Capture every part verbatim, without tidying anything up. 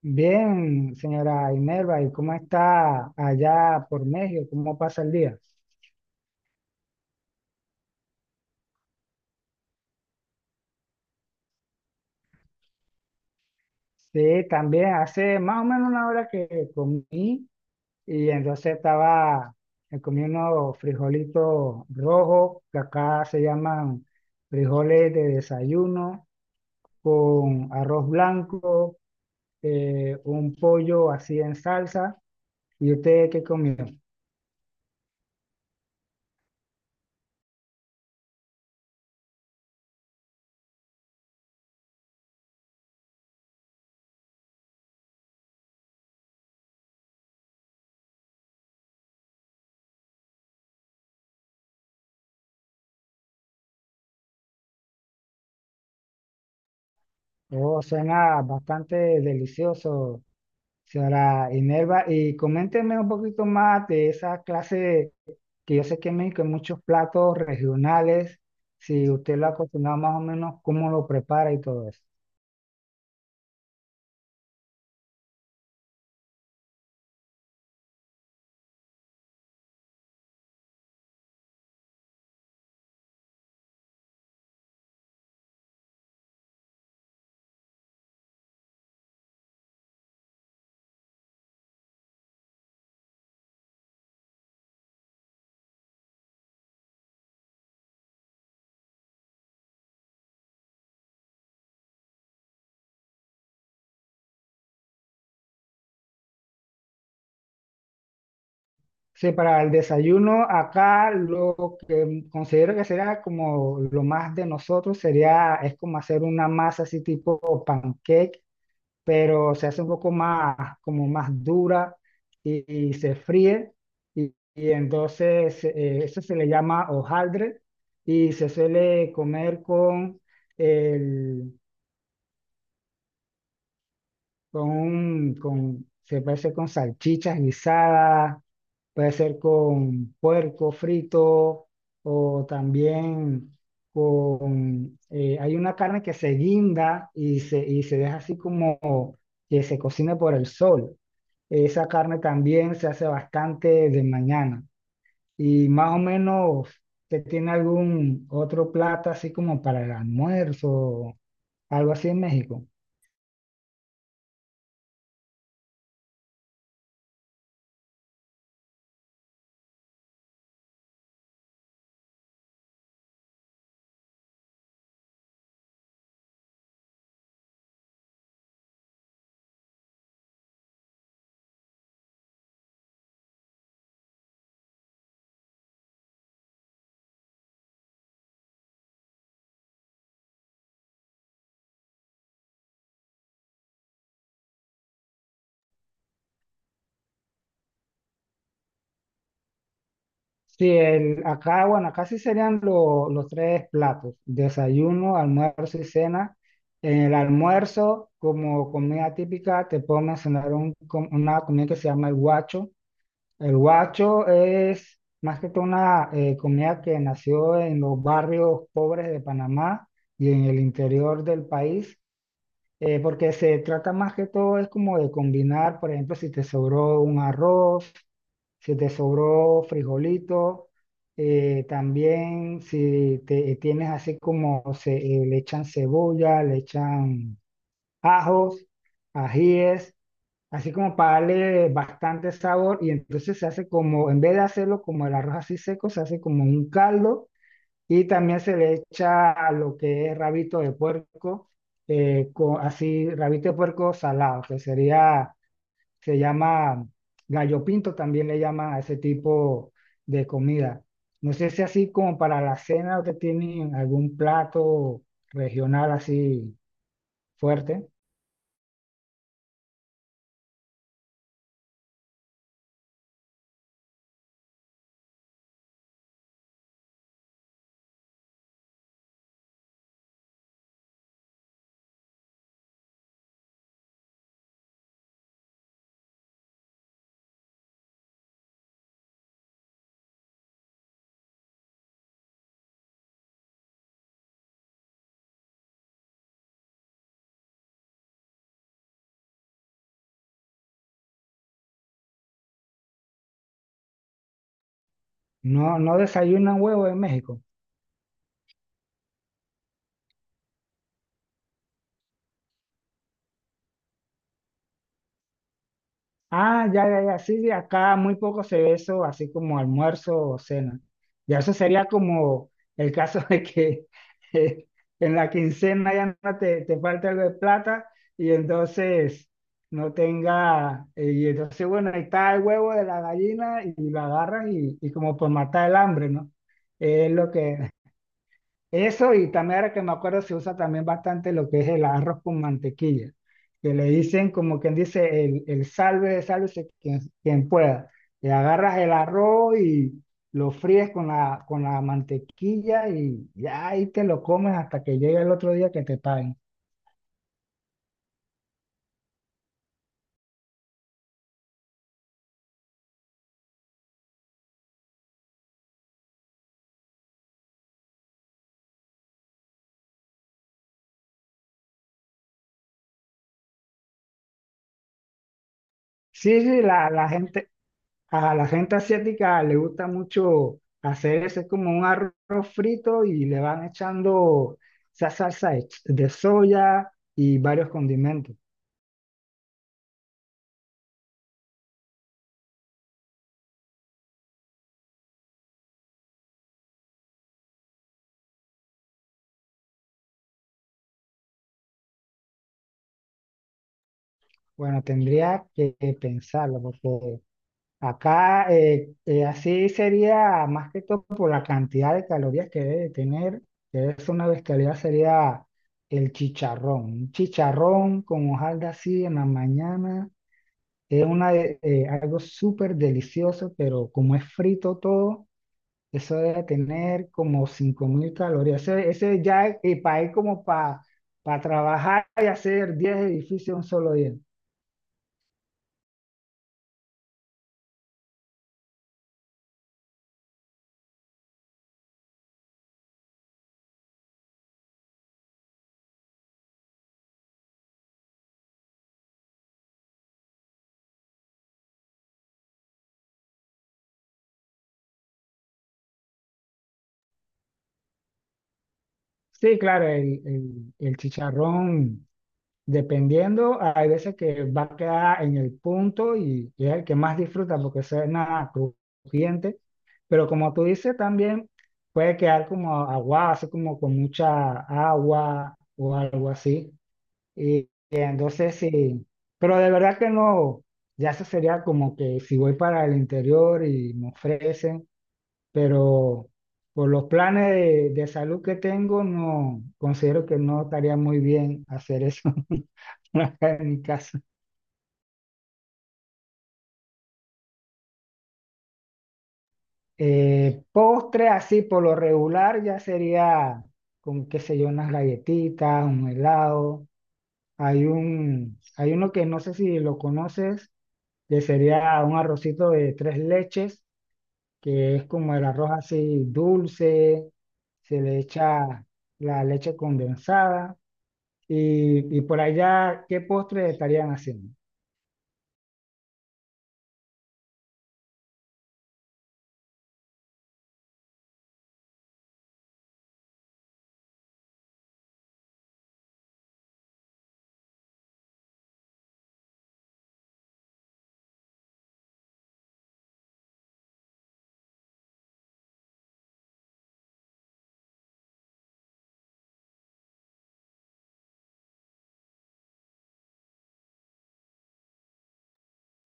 Bien, señora Imelva, ¿y cómo está allá por México? ¿Cómo pasa el día? Sí, también hace más o menos una hora que comí y entonces estaba eh, comiendo frijolitos rojos, que acá se llaman frijoles de desayuno, con arroz blanco, eh, un pollo así en salsa. ¿Y usted qué comió? Oh, suena bastante delicioso, Señora Inerva, y coménteme un poquito más de esa clase que yo sé que en México hay muchos platos regionales, si usted lo ha cocinado más o menos, cómo lo prepara y todo eso. Sí, para el desayuno acá lo que considero que será como lo más de nosotros sería, es como hacer una masa así tipo pancake, pero se hace un poco más, como más dura, y, y se fríe. Y, y entonces eh, eso se le llama hojaldre y se suele comer con el, con, un- con, se puede hacer con salchichas guisadas, puede ser con puerco frito o también con, eh, hay una carne que se guinda y se, y se deja así como que se cocine por el sol. Esa carne también se hace bastante de mañana. Y más o menos, ¿te tiene algún otro plato así como para el almuerzo, algo así en México? Sí, el, acá, bueno, acá sí serían lo- los tres platos: desayuno, almuerzo y cena. En el almuerzo, como comida típica, te puedo mencionar un com- una comida que se llama el guacho. El guacho es más que todo una eh, comida que nació en los barrios pobres de Panamá y en el interior del país, eh, porque se trata más que todo es como de combinar. Por ejemplo, si te sobró un arroz, si te sobró frijolito, eh, también si te tienes así como se, eh, le echan cebolla, le echan ajos, ajíes, así como para darle bastante sabor, y entonces se hace como, en vez de hacerlo como el arroz así seco, se hace como un caldo. Y también se le echa a lo que es rabito de puerco, eh, co- así, rabito de puerco salado, que sería, se llama gallo pinto, también le llaman a ese tipo de comida. No sé si así como para la cena o que tienen algún plato regional así fuerte. No, no desayunan huevo en México. Ah, ya, ya, ya, sí, sí, acá muy poco se ve eso, así como almuerzo o cena. Ya eso sería como el caso de que eh, en la quincena ya no te, te falta algo de plata y entonces no tenga, eh, y entonces bueno, ahí está el huevo de la gallina y lo agarras y, y como por matar el hambre, ¿no? Es lo que, eso. Y también, ahora que me acuerdo, se usa también bastante lo que es el arroz con mantequilla, que le dicen como quien dice el, el salve, sálvese quien, quien pueda. Y agarras el arroz y lo fríes con la, con la mantequilla, y ya ahí te lo comes hasta que llegue el otro día que te paguen. Sí, sí, la, la gente, a la gente asiática le gusta mucho hacer eso, es como un arroz frito y le van echando esa salsa de ch- de soya y varios condimentos. Bueno, tendría que pensarlo, porque acá eh, eh, así sería más que todo por la cantidad de calorías que debe tener, que es una bestialidad, sería el chicharrón. Un chicharrón con hojalda así en la mañana es una, de- eh, algo súper delicioso, pero como es frito todo, eso debe tener como cinco mil calorías. Ese, ese ya es para ir como para trabajar y hacer diez edificios en un solo día. Sí, claro, el, el- el chicharrón, dependiendo, hay veces que va a quedar en el punto, y, y es el que más disfruta porque suena crujiente, pero como tú dices, también puede quedar como agua, así como con mucha agua o algo así. Y, y entonces sí, pero de verdad que no, ya eso sería como que si voy para el interior y me ofrecen, pero por los planes de, de salud que tengo, no considero que no estaría muy bien hacer eso acá en mi casa. Eh, postre así por lo regular ya sería como qué sé yo, unas galletitas, un helado. Hay un, hay uno que no sé si lo conoces, que sería un arrocito de tres leches, que es como el arroz así dulce, se le echa la leche condensada. Y, y por allá, ¿qué postre estarían haciendo?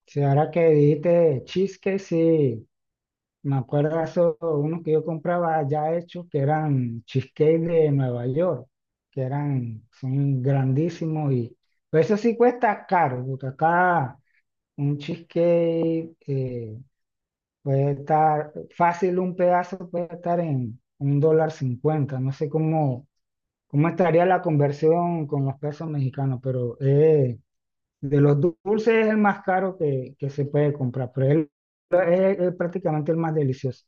Si ahora que dijiste cheesecake, sí, me acuerdo de esos, unos que yo compraba ya hechos, que eran cheesecake de Nueva York, que eran, son grandísimos. Y pero eso sí cuesta caro, porque acá un cheesecake, eh, puede estar fácil, un pedazo puede estar en un dólar cincuenta, no sé cómo, cómo estaría la conversión con los pesos mexicanos, pero. Eh, De los dulces es el más caro que, que se puede comprar, pero él- es, es prácticamente el más delicioso.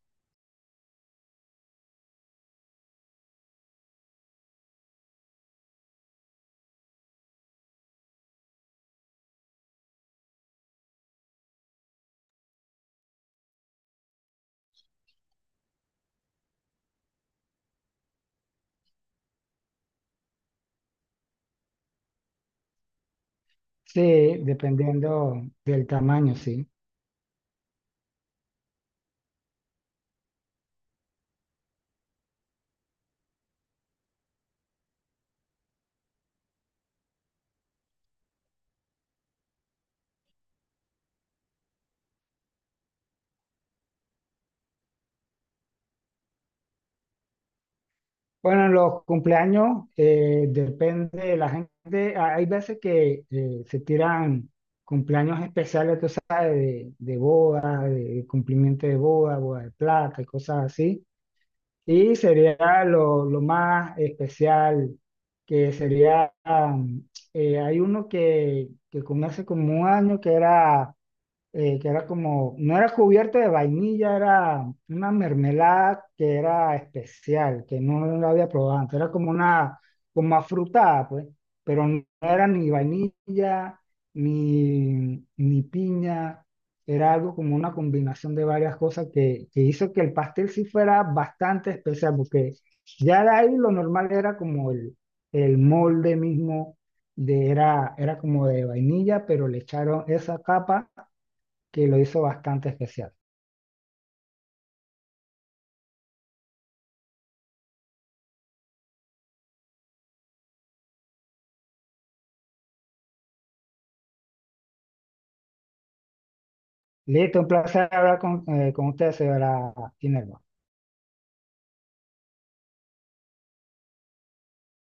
Sí, dependiendo del tamaño, sí. Bueno, en los cumpleaños, eh, depende de la gente. Ah, hay veces que eh, se tiran cumpleaños especiales, tú sabes, de, de boda, de cumplimiento de boda, boda de plata y cosas así. Y sería lo, lo más especial, que sería, am, eh, hay uno que, que con hace como un año que era eh, que era como, no era cubierta de vainilla, era una mermelada que era especial, que no la había probado antes, era como una, como afrutada, pues, pero no era ni vainilla, ni, ni piña, era algo como una combinación de varias cosas que, que hizo que el pastel sí fuera bastante especial, porque ya de ahí lo normal era como el, el molde mismo. De, era, era como de vainilla, pero le echaron esa capa que lo hizo bastante especial. Listo, un placer hablar con, eh, con usted, señora Inelva.